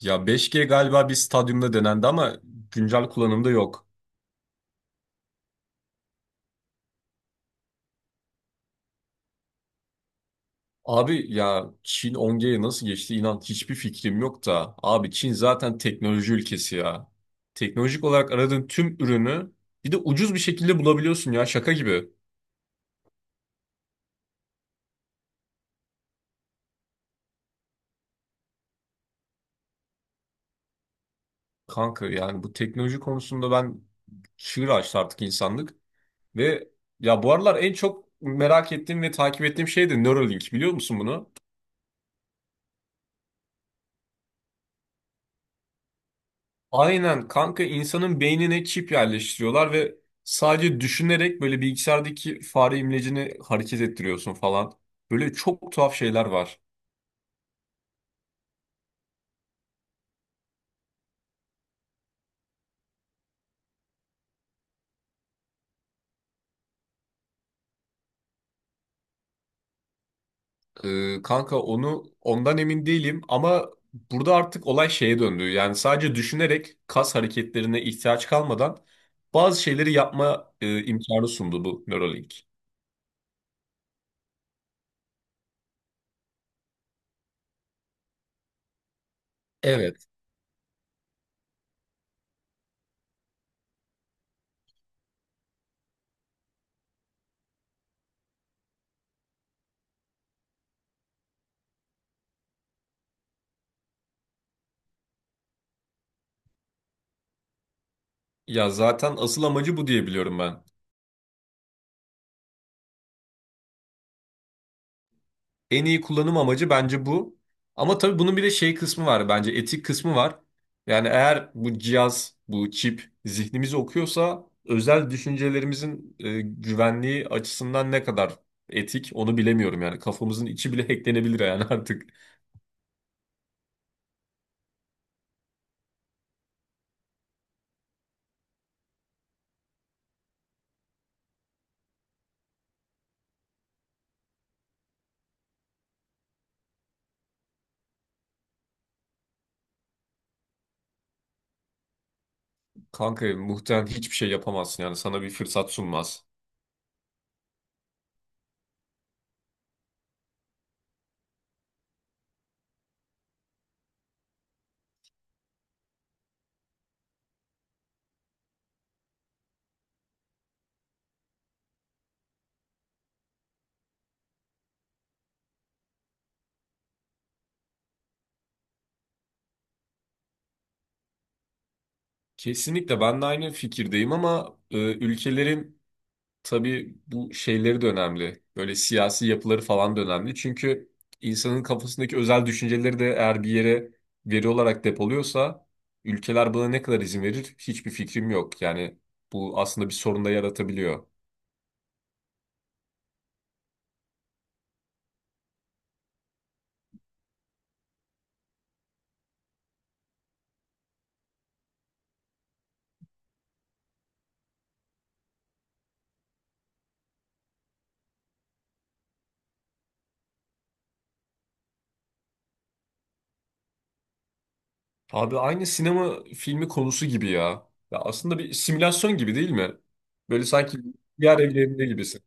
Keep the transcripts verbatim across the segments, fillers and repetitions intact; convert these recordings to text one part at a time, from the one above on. Ya beş g galiba bir stadyumda denendi ama güncel kullanımda yok. Abi ya Çin on gye nasıl geçti, inan hiçbir fikrim yok da. Abi Çin zaten teknoloji ülkesi ya. Teknolojik olarak aradığın tüm ürünü bir de ucuz bir şekilde bulabiliyorsun, ya şaka gibi. Kanka yani bu teknoloji konusunda ben, çığır açtı artık insanlık. Ve ya bu aralar en çok merak ettiğim ve takip ettiğim şey de Neuralink, biliyor musun bunu? Aynen kanka, insanın beynine çip yerleştiriyorlar ve sadece düşünerek böyle bilgisayardaki fare imlecini hareket ettiriyorsun falan. Böyle çok tuhaf şeyler var. Ee, kanka onu ondan emin değilim ama burada artık olay şeye döndü. Yani sadece düşünerek, kas hareketlerine ihtiyaç kalmadan bazı şeyleri yapma e, imkanı sundu bu Neuralink. Evet. Ya zaten asıl amacı bu diye biliyorum ben. En iyi kullanım amacı bence bu. Ama tabii bunun bir de şey kısmı var, bence etik kısmı var. Yani eğer bu cihaz, bu çip zihnimizi okuyorsa, özel düşüncelerimizin e, güvenliği açısından ne kadar etik onu bilemiyorum yani. Kafamızın içi bile hacklenebilir yani artık. Kanka muhtemelen hiçbir şey yapamazsın, yani sana bir fırsat sunmaz. Kesinlikle ben de aynı fikirdeyim ama e, ülkelerin. Tabii bu şeyleri de önemli. Böyle siyasi yapıları falan da önemli. Çünkü insanın kafasındaki özel düşünceleri de eğer bir yere veri olarak depoluyorsa, ülkeler buna ne kadar izin verir hiçbir fikrim yok. Yani bu aslında bir sorun da yaratabiliyor. Abi aynı sinema filmi konusu gibi ya. Ya aslında bir simülasyon gibi, değil mi? Böyle sanki diğer evlerinde gibisin.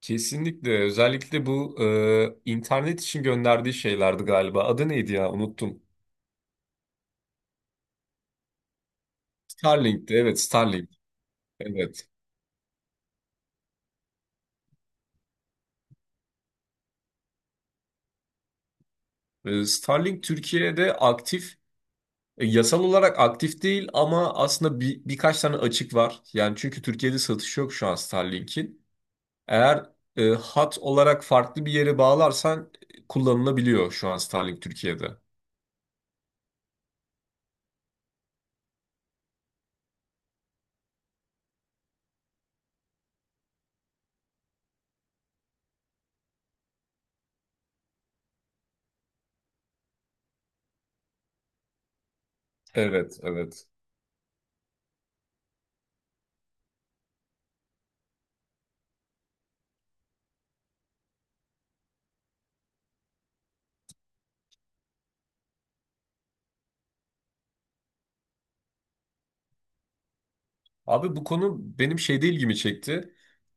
Kesinlikle. Özellikle bu e, internet için gönderdiği şeylerdi galiba. Adı neydi ya? Unuttum. Starlink'ti. Evet, Starlink. Evet. Ee, Starlink Türkiye'de aktif, e, yasal olarak aktif değil ama aslında bir, birkaç tane açık var. Yani çünkü Türkiye'de satış yok şu an Starlink'in. Eğer e, hat olarak farklı bir yere bağlarsan e, kullanılabiliyor şu an Starlink Türkiye'de. Evet, evet. Abi bu konu benim şeyde ilgimi çekti.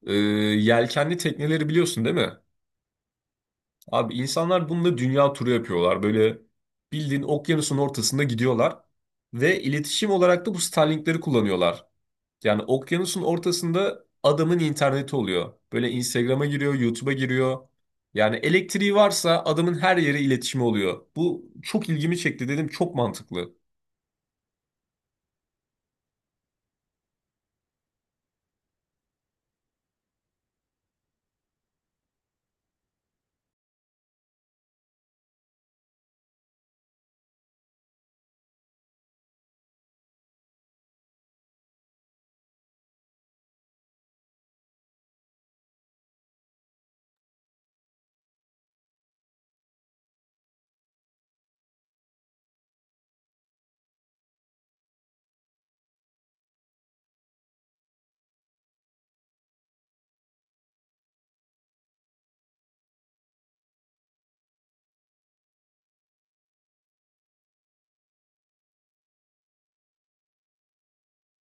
Ee, yelkenli tekneleri biliyorsun, değil mi? Abi insanlar bununla dünya turu yapıyorlar. Böyle bildiğin okyanusun ortasında gidiyorlar. Ve iletişim olarak da bu Starlink'leri kullanıyorlar. Yani okyanusun ortasında adamın interneti oluyor. Böyle Instagram'a giriyor, YouTube'a giriyor. Yani elektriği varsa adamın her yere iletişimi oluyor. Bu çok ilgimi çekti dedim, çok mantıklı.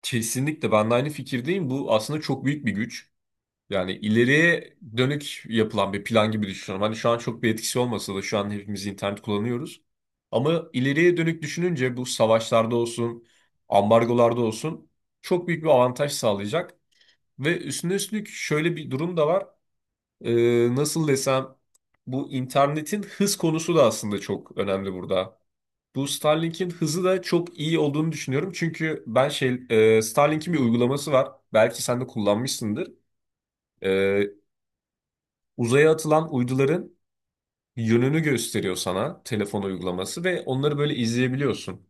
Kesinlikle ben de aynı fikirdeyim. Bu aslında çok büyük bir güç. Yani ileriye dönük yapılan bir plan gibi düşünüyorum. Hani şu an çok bir etkisi olmasa da şu an hepimiz internet kullanıyoruz. Ama ileriye dönük düşününce, bu savaşlarda olsun, ambargolarda olsun, çok büyük bir avantaj sağlayacak. Ve üstüne üstlük şöyle bir durum da var. Ee, nasıl desem, bu internetin hız konusu da aslında çok önemli burada. Bu Starlink'in hızı da çok iyi olduğunu düşünüyorum. Çünkü ben şey, e, Starlink'in bir uygulaması var. Belki sen de kullanmışsındır. Ee, Uzaya atılan uyduların yönünü gösteriyor sana telefon uygulaması ve onları böyle izleyebiliyorsun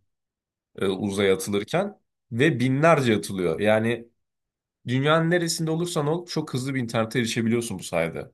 e, uzaya atılırken, ve binlerce atılıyor. Yani dünyanın neresinde olursan ol, çok hızlı bir internete erişebiliyorsun bu sayede.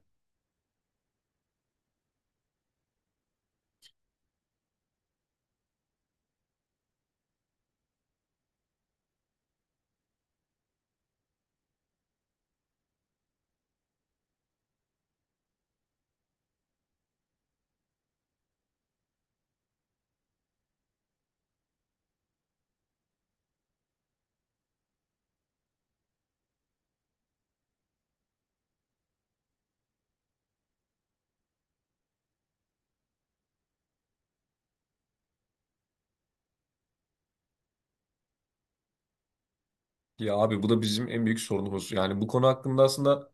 Ya abi bu da bizim en büyük sorunumuz. Yani bu konu hakkında aslında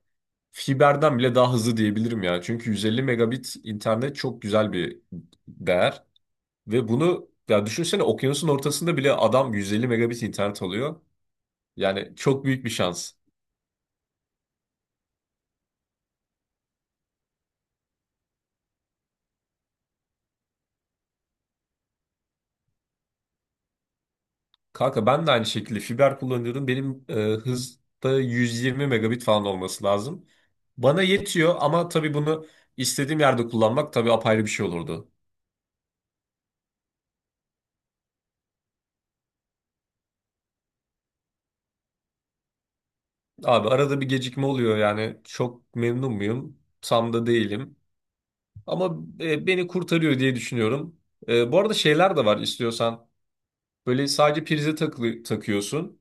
fiberden bile daha hızlı diyebilirim ya. Çünkü yüz elli megabit internet çok güzel bir değer, ve bunu ya düşünsene, okyanusun ortasında bile adam yüz elli megabit internet alıyor. Yani çok büyük bir şans. Kanka ben de aynı şekilde fiber kullanıyorum. Benim e, hızda yüz yirmi megabit falan olması lazım. Bana yetiyor, ama tabii bunu istediğim yerde kullanmak tabii apayrı bir şey olurdu. Abi arada bir gecikme oluyor, yani çok memnun muyum? Tam da değilim. Ama e, beni kurtarıyor diye düşünüyorum. E, bu arada şeyler de var istiyorsan. Böyle sadece prize takılı, takıyorsun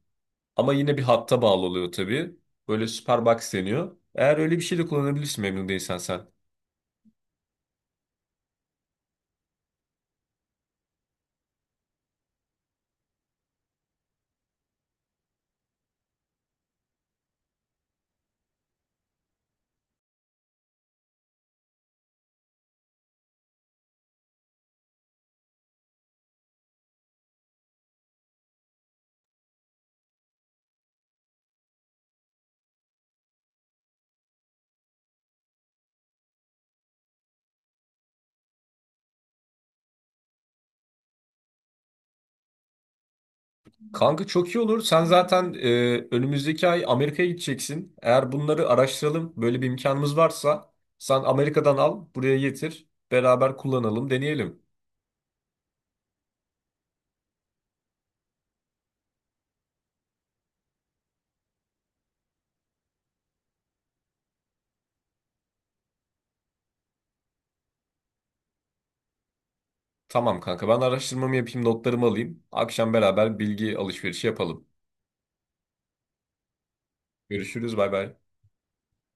ama yine bir hatta bağlı oluyor tabii. Böyle Superbox deniyor. Eğer öyle bir şey de kullanabilirsin memnun değilsen sen. Kanka çok iyi olur. Sen zaten e, önümüzdeki ay Amerika'ya gideceksin. Eğer bunları araştıralım, böyle bir imkanımız varsa sen Amerika'dan al, buraya getir. Beraber kullanalım, deneyelim. Tamam kanka, ben araştırmamı yapayım, notlarımı alayım. Akşam beraber bilgi alışverişi yapalım. Görüşürüz, bay bay.